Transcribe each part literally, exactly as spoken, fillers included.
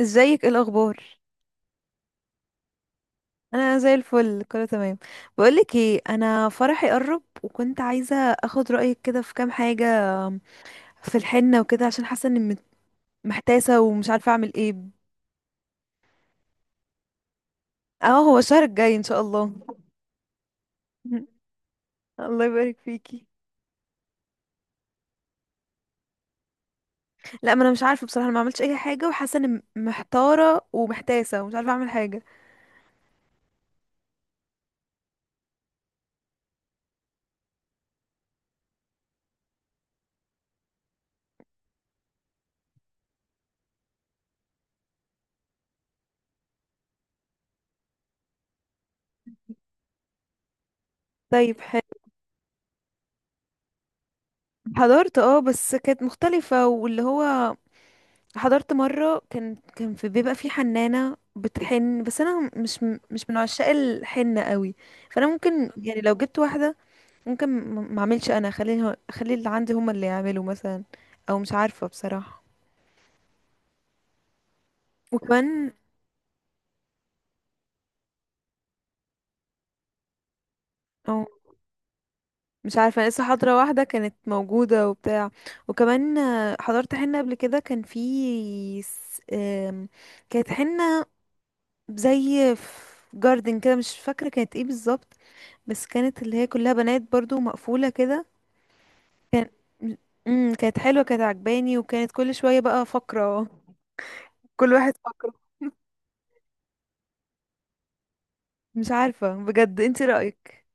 ازيك؟ ايه الاخبار؟ انا زي الفل، كله تمام. بقولك ايه، انا فرحي قرب، وكنت عايزه اخد رايك كده في كام حاجه في الحنه وكده، عشان حاسه اني مت- محتاسه ومش عارفه اعمل ايه. اه، هو الشهر الجاي ان شاء الله. الله يبارك فيكي. لا، ما انا مش عارفه بصراحه، انا ما عملتش اي حاجه، وحاسه اني م- محتاره ومحتاسه ومش عارفه اعمل حاجه. طيب، حلو. حضرت اه، بس كانت مختلفه، واللي هو حضرت مرة كان كان في، بيبقى في حنانة بتحن، بس انا مش م- مش من عشاق الحنة قوي. فانا ممكن، يعني لو جبت واحدة ممكن، م- ما اعملش انا، اخلي اخلي اللي عندي هما اللي يعملوا مثلا. او مش عارفة بصراحة. وكمان. او مش عارفة، أنا لسه حاضرة واحدة كانت موجودة وبتاع. وكمان آه، حضرت حنة قبل كده، كان في س- آم، كانت حنة زي في جاردن كده، مش فاكرة كانت ايه بالظبط. بس كانت اللي هي كلها بنات برضو، مقفولة كده. كان امم كانت حلوة، كانت عجباني، وكانت كل شوية بقى فقرة، كل واحد فقرة. مش عارفة بجد، انت رأيك؟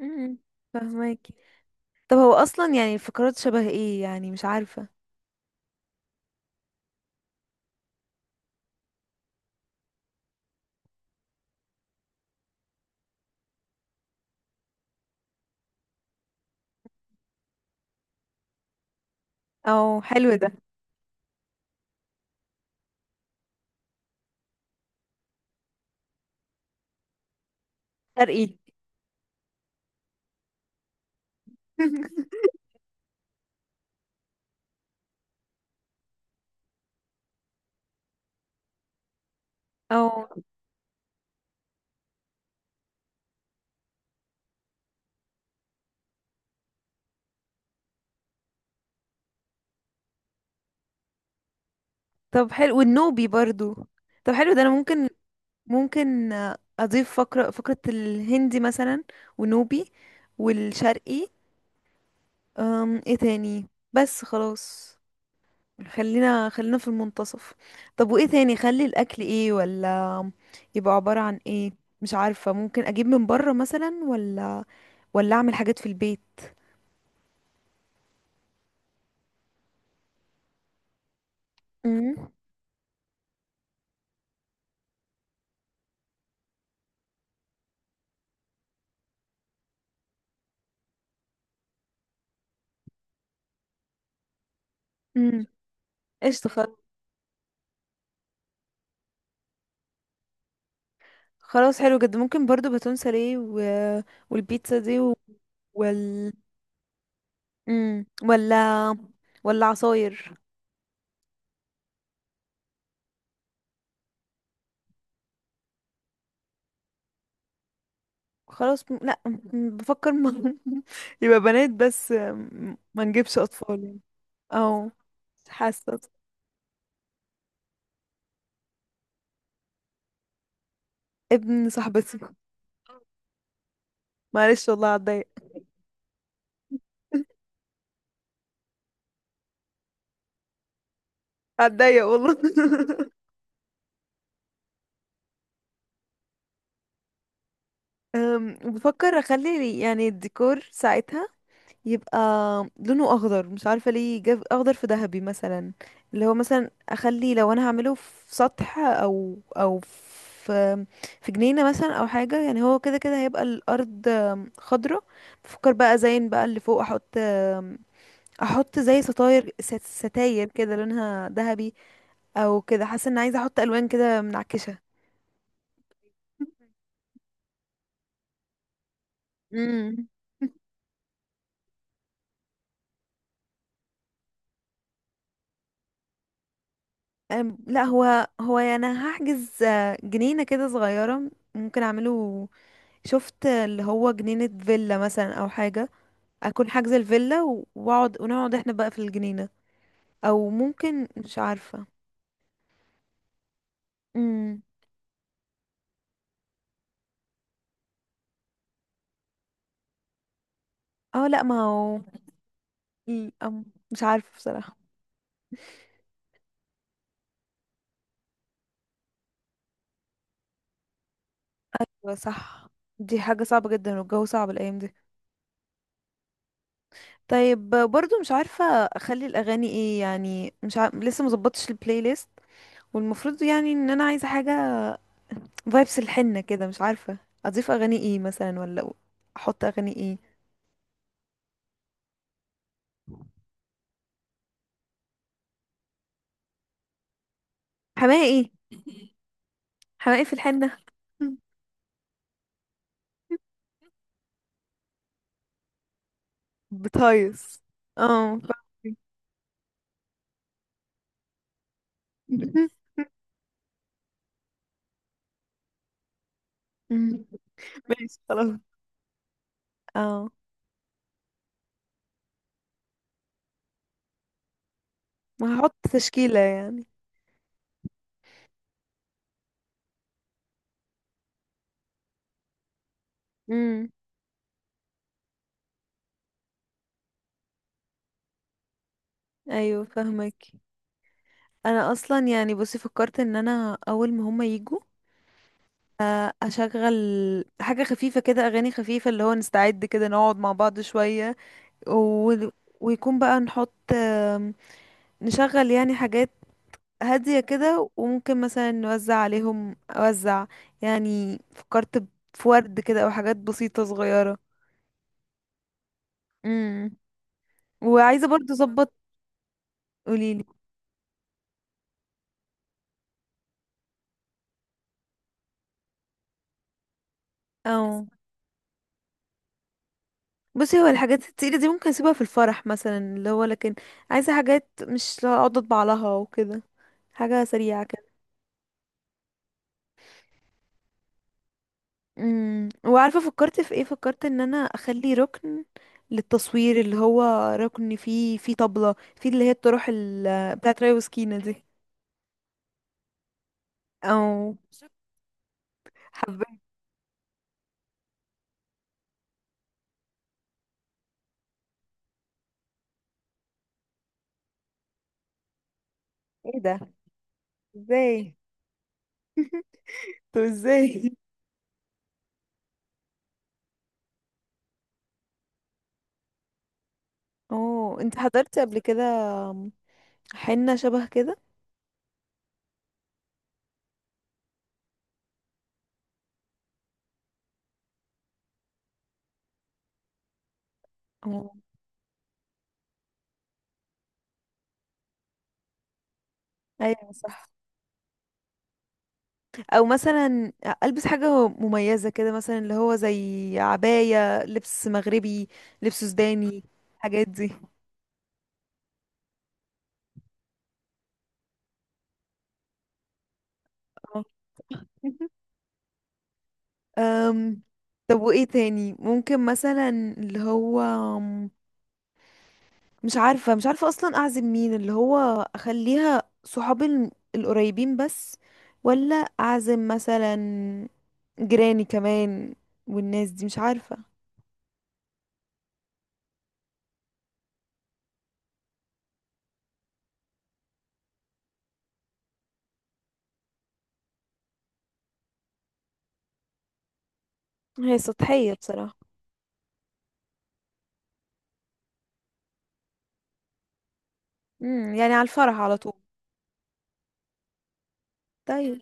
امم فهماكي. طب هو اصلا يعني الفقرات شبه ايه؟ يعني مش عارفة. او حلو ده. شرقي. او طب حلو، والنوبي برضو. طب حلو ده، انا ممكن، ممكن اضيف فقرة، فقرة الهندي مثلا، ونوبي، والشرقي. أم ايه تاني؟ بس خلاص، خلينا خلينا في المنتصف. طب وايه تاني؟ خلي الاكل ايه؟ ولا يبقى عبارة عن ايه؟ مش عارفة. ممكن اجيب من بره مثلا، ولا ولا اعمل حاجات في البيت. امم. امم، قشطة، خل- خلاص، حلو جدا. ممكن برضو باتون ساليه، و... والبيتزا دي، و- وال امم ولا ولا عصاير. خلاص، م- لا، م- بفكر، م... يبقى بنات بس، م- ما نجيبش اطفال يعني. او حاسة ابن صاحبتي، معلش والله هتضايق، هتضايق والله. أم، بفكر اخلي يعني الديكور ساعتها يبقى لونه اخضر، مش عارفه ليه جاب اخضر في ذهبي مثلا، اللي هو مثلا اخلي، لو انا هعمله في سطح، او او في في جنينه مثلا او حاجه، يعني هو كده كده هيبقى الارض أم، خضره. بفكر بقى ازين بقى اللي فوق احط أم، احط زي ستاير، ست- ستاير كده لونها ذهبي، او كده، حاسه ان عايزه احط الوان كده منعكشه. امم. أم، لا، هو هو يعني أنا هحجز آه، جنينة كده صغيرة ممكن اعمله. شفت اللي هو جنينة فيلا مثلا او حاجة، اكون حاجزة الفيلا و- واقعد، ونقعد احنا بقى في الجنينة. او ممكن، مش عارفة. امم. اه، لا ما هو ال- أم، مش عارفة بصراحة. هو صح، دي حاجة صعبة جدا، والجو صعب الأيام دي. طيب آه، برضو مش عارفة أخلي الأغاني ايه، يعني مش ع... لسه مظبطش البلاي ليست، والمفروض يعني ان انا عايزة حاجة فايبس الحنة كده، مش عارفة اضيف اغاني ايه مثلا، ولا احط اغاني ايه. حماقي ايه؟ حماقي في الحنة؟ بتهيص. اه، فاهمك. مم. ماشي، خلاص. اه، ما هحط تشكيلة يعني. امم، ايوه، فاهمك. انا اصلا يعني بصي فكرت ان انا اول ما هما يجوا آه، اشغل حاجة خفيفة كده، اغاني خفيفة، اللي هو نستعد كده، نقعد مع بعض شوية، و... ويكون بقى نحط، نشغل يعني حاجات هادية كده، وممكن مثلا نوزع عليهم، أوزع يعني، فكرت ب- في ورد كده، أو حاجات بسيطة صغيرة. امم. وعايزة برضو أظبط. قوليلي. اه، بصي، هو الحاجات التقيلة دي ممكن أسيبها في الفرح مثلا، اللي هو، لكن عايزة حاجات مش أقعد أطبع لها وكده، حاجة سريعة كده. امم. وعارفة فكرت في ايه؟ فكرت ان انا اخلي ركن للتصوير، اللي هو ركن فيه فيه طبلة، فيه اللي هي الطرح ال- بتاعت ريا وسكينة دي. او، حبيت. ايه ده؟ ازاي؟ طب ازاي؟ اوه، انت حضرتي قبل كده حنة شبه كده؟ اه، ايوه، صح. او مثلا البس حاجة مميزة كده مثلا، اللي هو زي عباية، لبس مغربي، لبس سوداني، الحاجات دي. اه. أم، طب وايه تاني ممكن مثلا، اللي هو، مش عارفة، مش عارفة أصلا أعزم مين، اللي هو أخليها صحابي الم- القريبين بس، ولا أعزم مثلا جيراني كمان، والناس دي، مش عارفة. هي سطحية بصراحة. امم، يعني على الفرح على طول. طيب.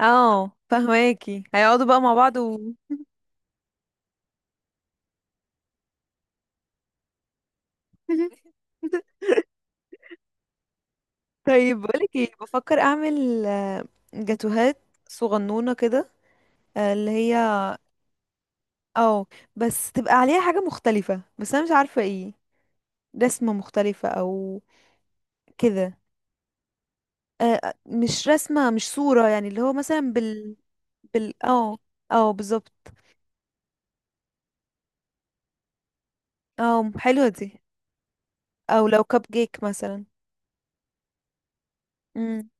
اه، فهماكي، هيقعدوا بقى مع بعض. و... طيب، بقولك ايه، بفكر اعمل آه، جاتوهات صغنونة كده، آه، اللي هي، اه، بس تبقى عليها حاجة مختلفة، بس انا مش عارفة ايه، رسمة مختلفة او كده. آه آه، مش رسمة، مش صورة يعني، اللي هو مثلا بال، بال اه، اه، بالظبط. اه، حلوة دي. او لو كب كيك مثلا. امم.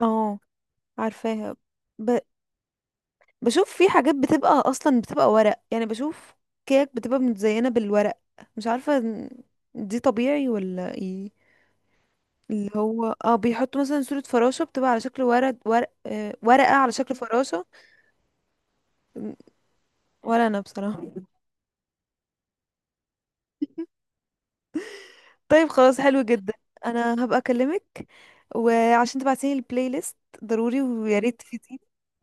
اه، عارفاها. ب... بشوف في حاجات بتبقى اصلا بتبقى ورق، يعني بشوف كيك بتبقى متزينة بالورق، مش عارفة دي طبيعي ولا ايه، اللي هو اه بيحطوا مثلا صورة فراشة بتبقى على شكل ورد، ورق، آه، ورقة على شكل فراشة. م. ولا انا بصراحة. طيب، خلاص، حلو جدا. انا هبقى اكلمك، وعشان تبعتيلي البلاي ليست ضروري، ويا ريت تفيديني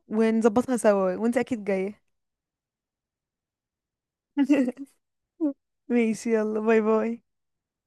ونظبطها سوا، وانت اكيد جاية. ماشي، يلا، باي باي.